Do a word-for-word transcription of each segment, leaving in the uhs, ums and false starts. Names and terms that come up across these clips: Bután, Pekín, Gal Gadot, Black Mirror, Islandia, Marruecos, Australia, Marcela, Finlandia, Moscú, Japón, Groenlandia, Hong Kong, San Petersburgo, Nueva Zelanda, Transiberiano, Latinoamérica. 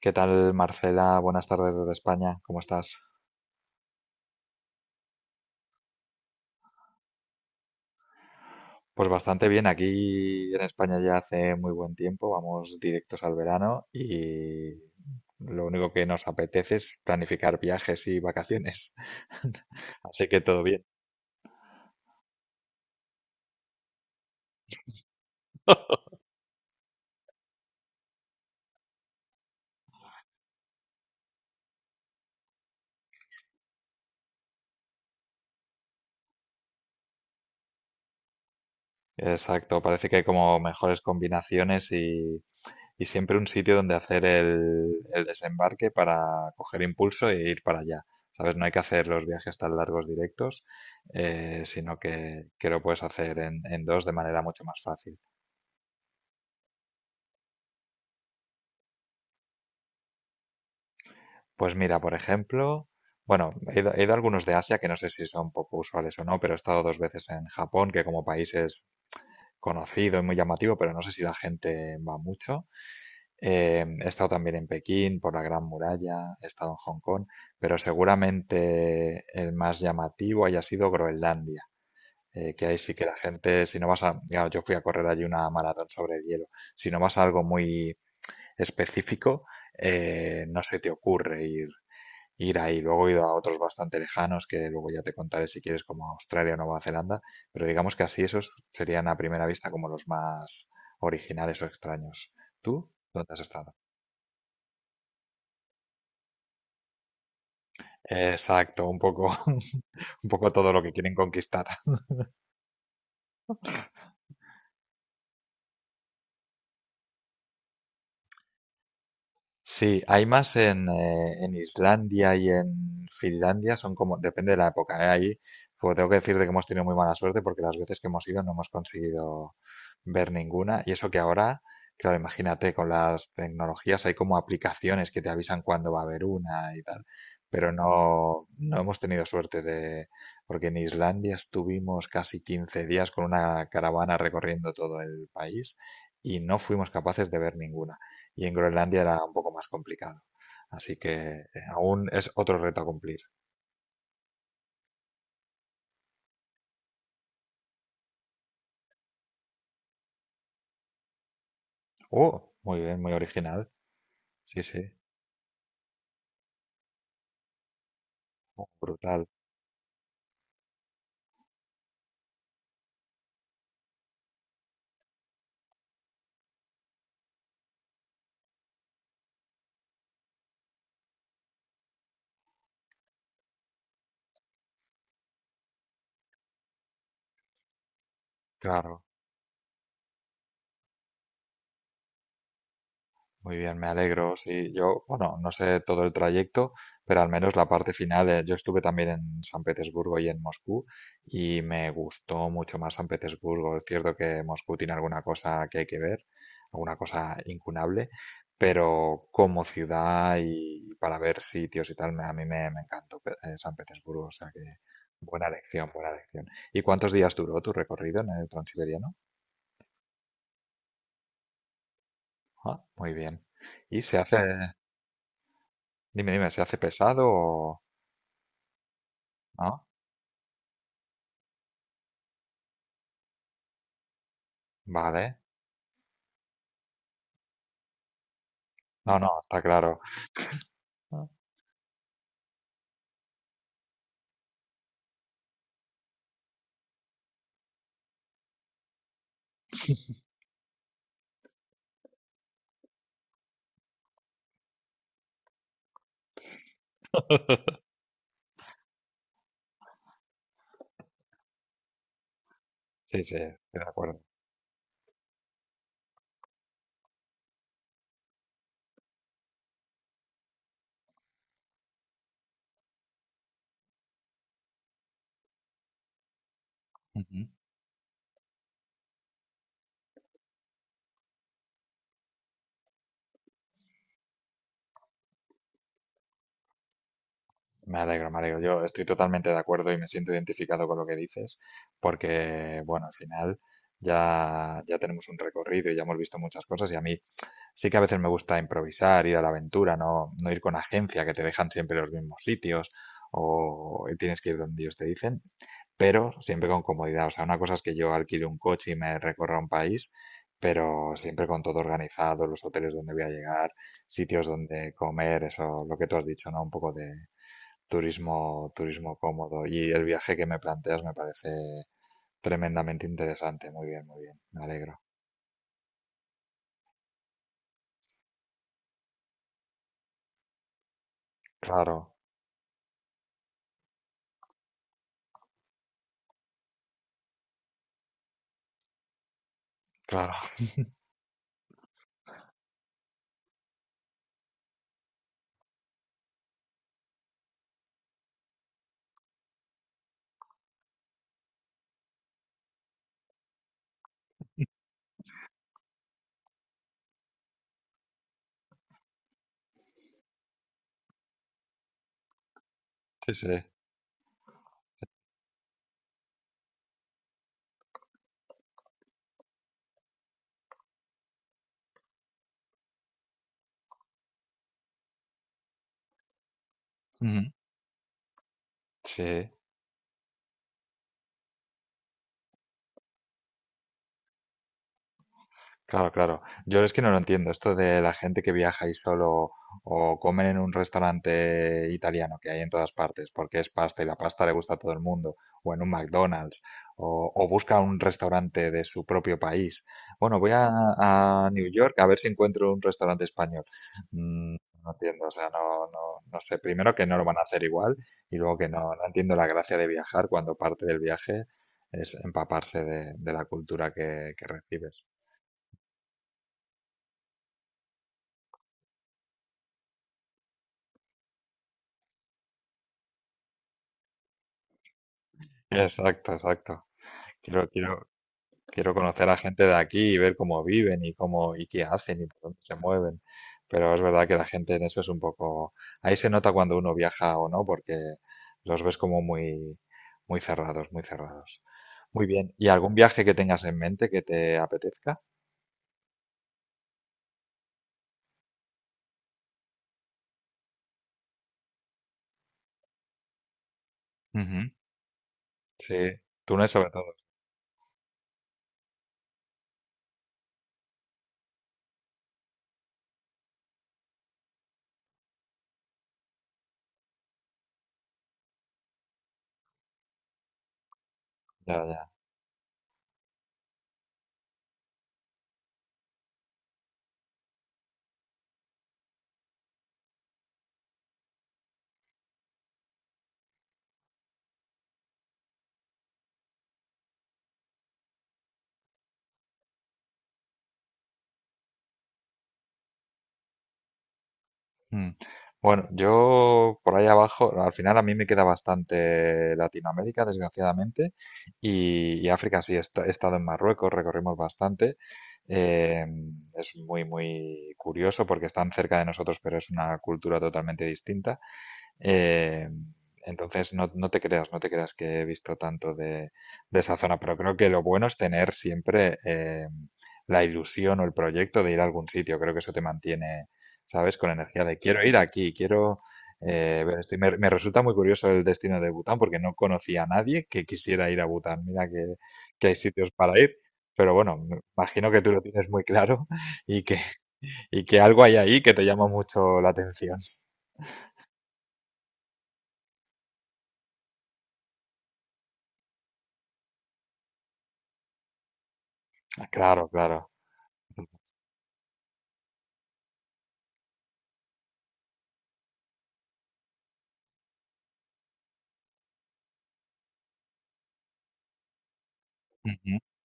¿Qué tal, Marcela? Buenas tardes desde España. ¿Cómo estás? Pues bastante bien. Aquí en España ya hace muy buen tiempo. Vamos directos al verano y lo único que nos apetece es planificar viajes y vacaciones. Así que todo bien. Exacto. Parece que hay como mejores combinaciones y, y siempre un sitio donde hacer el, el desembarque para coger impulso e ir para allá. ¿Sabes? No hay que hacer los viajes tan largos directos, eh, sino que, que lo puedes hacer en, en dos de manera mucho más fácil. Pues mira, por ejemplo, bueno, he ido, he ido a algunos de Asia que no sé si son poco usuales o no, pero he estado dos veces en Japón, que como país es conocido y muy llamativo, pero no sé si la gente va mucho. Eh, he estado también en Pekín, por la Gran Muralla, he estado en Hong Kong, pero seguramente el más llamativo haya sido Groenlandia, eh, que ahí sí que la gente, si no vas a, claro, yo fui a correr allí una maratón sobre hielo, si no vas a algo muy específico, eh, no se te ocurre ir, ir ahí. Luego he ido a otros bastante lejanos, que luego ya te contaré si quieres, como Australia o Nueva Zelanda, pero digamos que así esos serían a primera vista como los más originales o extraños. ¿Tú? ¿Dónde has estado? Exacto, un poco, un poco todo lo que quieren conquistar. Sí, hay más en, eh, en Islandia y en Finlandia, son como, depende de la época, ¿eh? Ahí, pues tengo que decirte que hemos tenido muy mala suerte porque las veces que hemos ido no hemos conseguido ver ninguna. Y eso que ahora, claro, imagínate, con las tecnologías hay como aplicaciones que te avisan cuándo va a haber una y tal. Pero no, no hemos tenido suerte de, porque en Islandia estuvimos casi quince días con una caravana recorriendo todo el país y no fuimos capaces de ver ninguna y en Groenlandia era un poco más complicado. Así que eh, aún es otro reto a cumplir. ¡Oh! Muy bien, muy original. Sí, sí. Oh, brutal. Claro. Muy bien, me alegro. Sí, yo, bueno, no sé todo el trayecto, pero al menos la parte final, eh, yo estuve también en San Petersburgo y en Moscú y me gustó mucho más San Petersburgo. Es cierto que Moscú tiene alguna cosa que hay que ver, alguna cosa incunable, pero como ciudad y para ver sitios y tal, me- a mí me, me encantó Pe- eh, San Petersburgo, o sea que buena elección, buena elección. ¿Y cuántos días duró tu recorrido en el Transiberiano? Ah, muy bien. ¿Y se hace, dime, dime, se hace pesado o... Ah, vale. No, no, está claro. Ah. Sí, sí, estoy de acuerdo. Me alegro, me alegro. Yo estoy totalmente de acuerdo y me siento identificado con lo que dices, porque, bueno, al final ya, ya tenemos un recorrido y ya hemos visto muchas cosas y a mí sí que a veces me gusta improvisar, ir a la aventura, no, no ir con agencia que te dejan siempre los mismos sitios o tienes que ir donde ellos te dicen, pero siempre con comodidad. O sea, una cosa es que yo alquile un coche y me recorra un país, pero siempre con todo organizado, los hoteles donde voy a llegar, sitios donde comer, eso, lo que tú has dicho, ¿no? Un poco de turismo, turismo cómodo. Y el viaje que me planteas me parece tremendamente interesante. Muy bien, muy bien. Me alegro. Claro, claro. Sí, sí. Ujú. Sí. Claro, claro. Yo es que no lo entiendo, esto de la gente que viaja y solo o comen en un restaurante italiano que hay en todas partes, porque es pasta y la pasta le gusta a todo el mundo, o en un McDonald's, o, o busca un restaurante de su propio país. Bueno, voy a, a New York a ver si encuentro un restaurante español. Mm, no entiendo, o sea, no, no, no sé. Primero que no lo van a hacer igual y luego que no, no entiendo la gracia de viajar cuando parte del viaje es empaparse de, de la cultura que que recibes. Exacto, exacto. Quiero, quiero, quiero conocer a gente de aquí y ver cómo viven y cómo y qué hacen y por dónde se mueven. Pero es verdad que la gente en eso es un poco. Ahí se nota cuando uno viaja o no, porque los ves como muy, muy cerrados, muy cerrados. Muy bien. ¿Y algún viaje que tengas en mente que te apetezca? Ujú. Sí, Túnez sobre todo. Ya, ya. Mm. Bueno, yo por ahí abajo, al final a mí me queda bastante Latinoamérica, desgraciadamente, y, y África sí, he, esta- he estado en Marruecos, recorrimos bastante. Eh, es muy, muy curioso porque están cerca de nosotros, pero es una cultura totalmente distinta. Eh, entonces, no, no te creas, no te creas que he visto tanto de, de esa zona, pero creo que lo bueno es tener siempre eh, la ilusión o el proyecto de ir a algún sitio. Creo que eso te mantiene, ¿sabes? Con energía de quiero ir aquí, quiero eh, ver esto. Y me, me resulta muy curioso el destino de Bután porque no conocía a nadie que quisiera ir a Bután. Mira que, que hay sitios para ir, pero bueno, me imagino que tú lo tienes muy claro y que, y que algo hay ahí que te llama mucho la atención. Ah, claro, claro.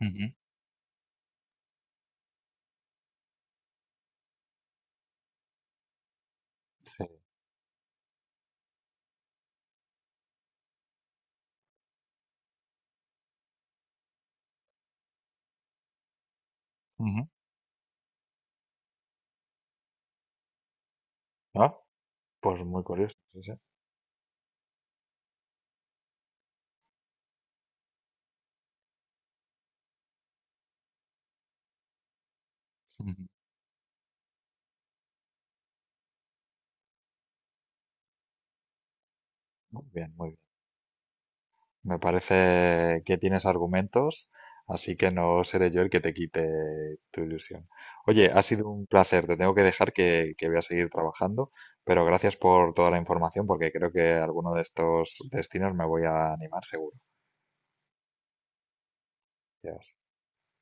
Ujú. Sí. Ujú. Ah, pues muy curioso. Sí, sí. Ujú. Muy bien, muy bien. Me parece que tienes argumentos, así que no seré yo el que te quite tu ilusión. Oye, ha sido un placer. Te tengo que dejar que, que voy a seguir trabajando, pero gracias por toda la información porque creo que alguno de estos destinos me voy a animar seguro. Ya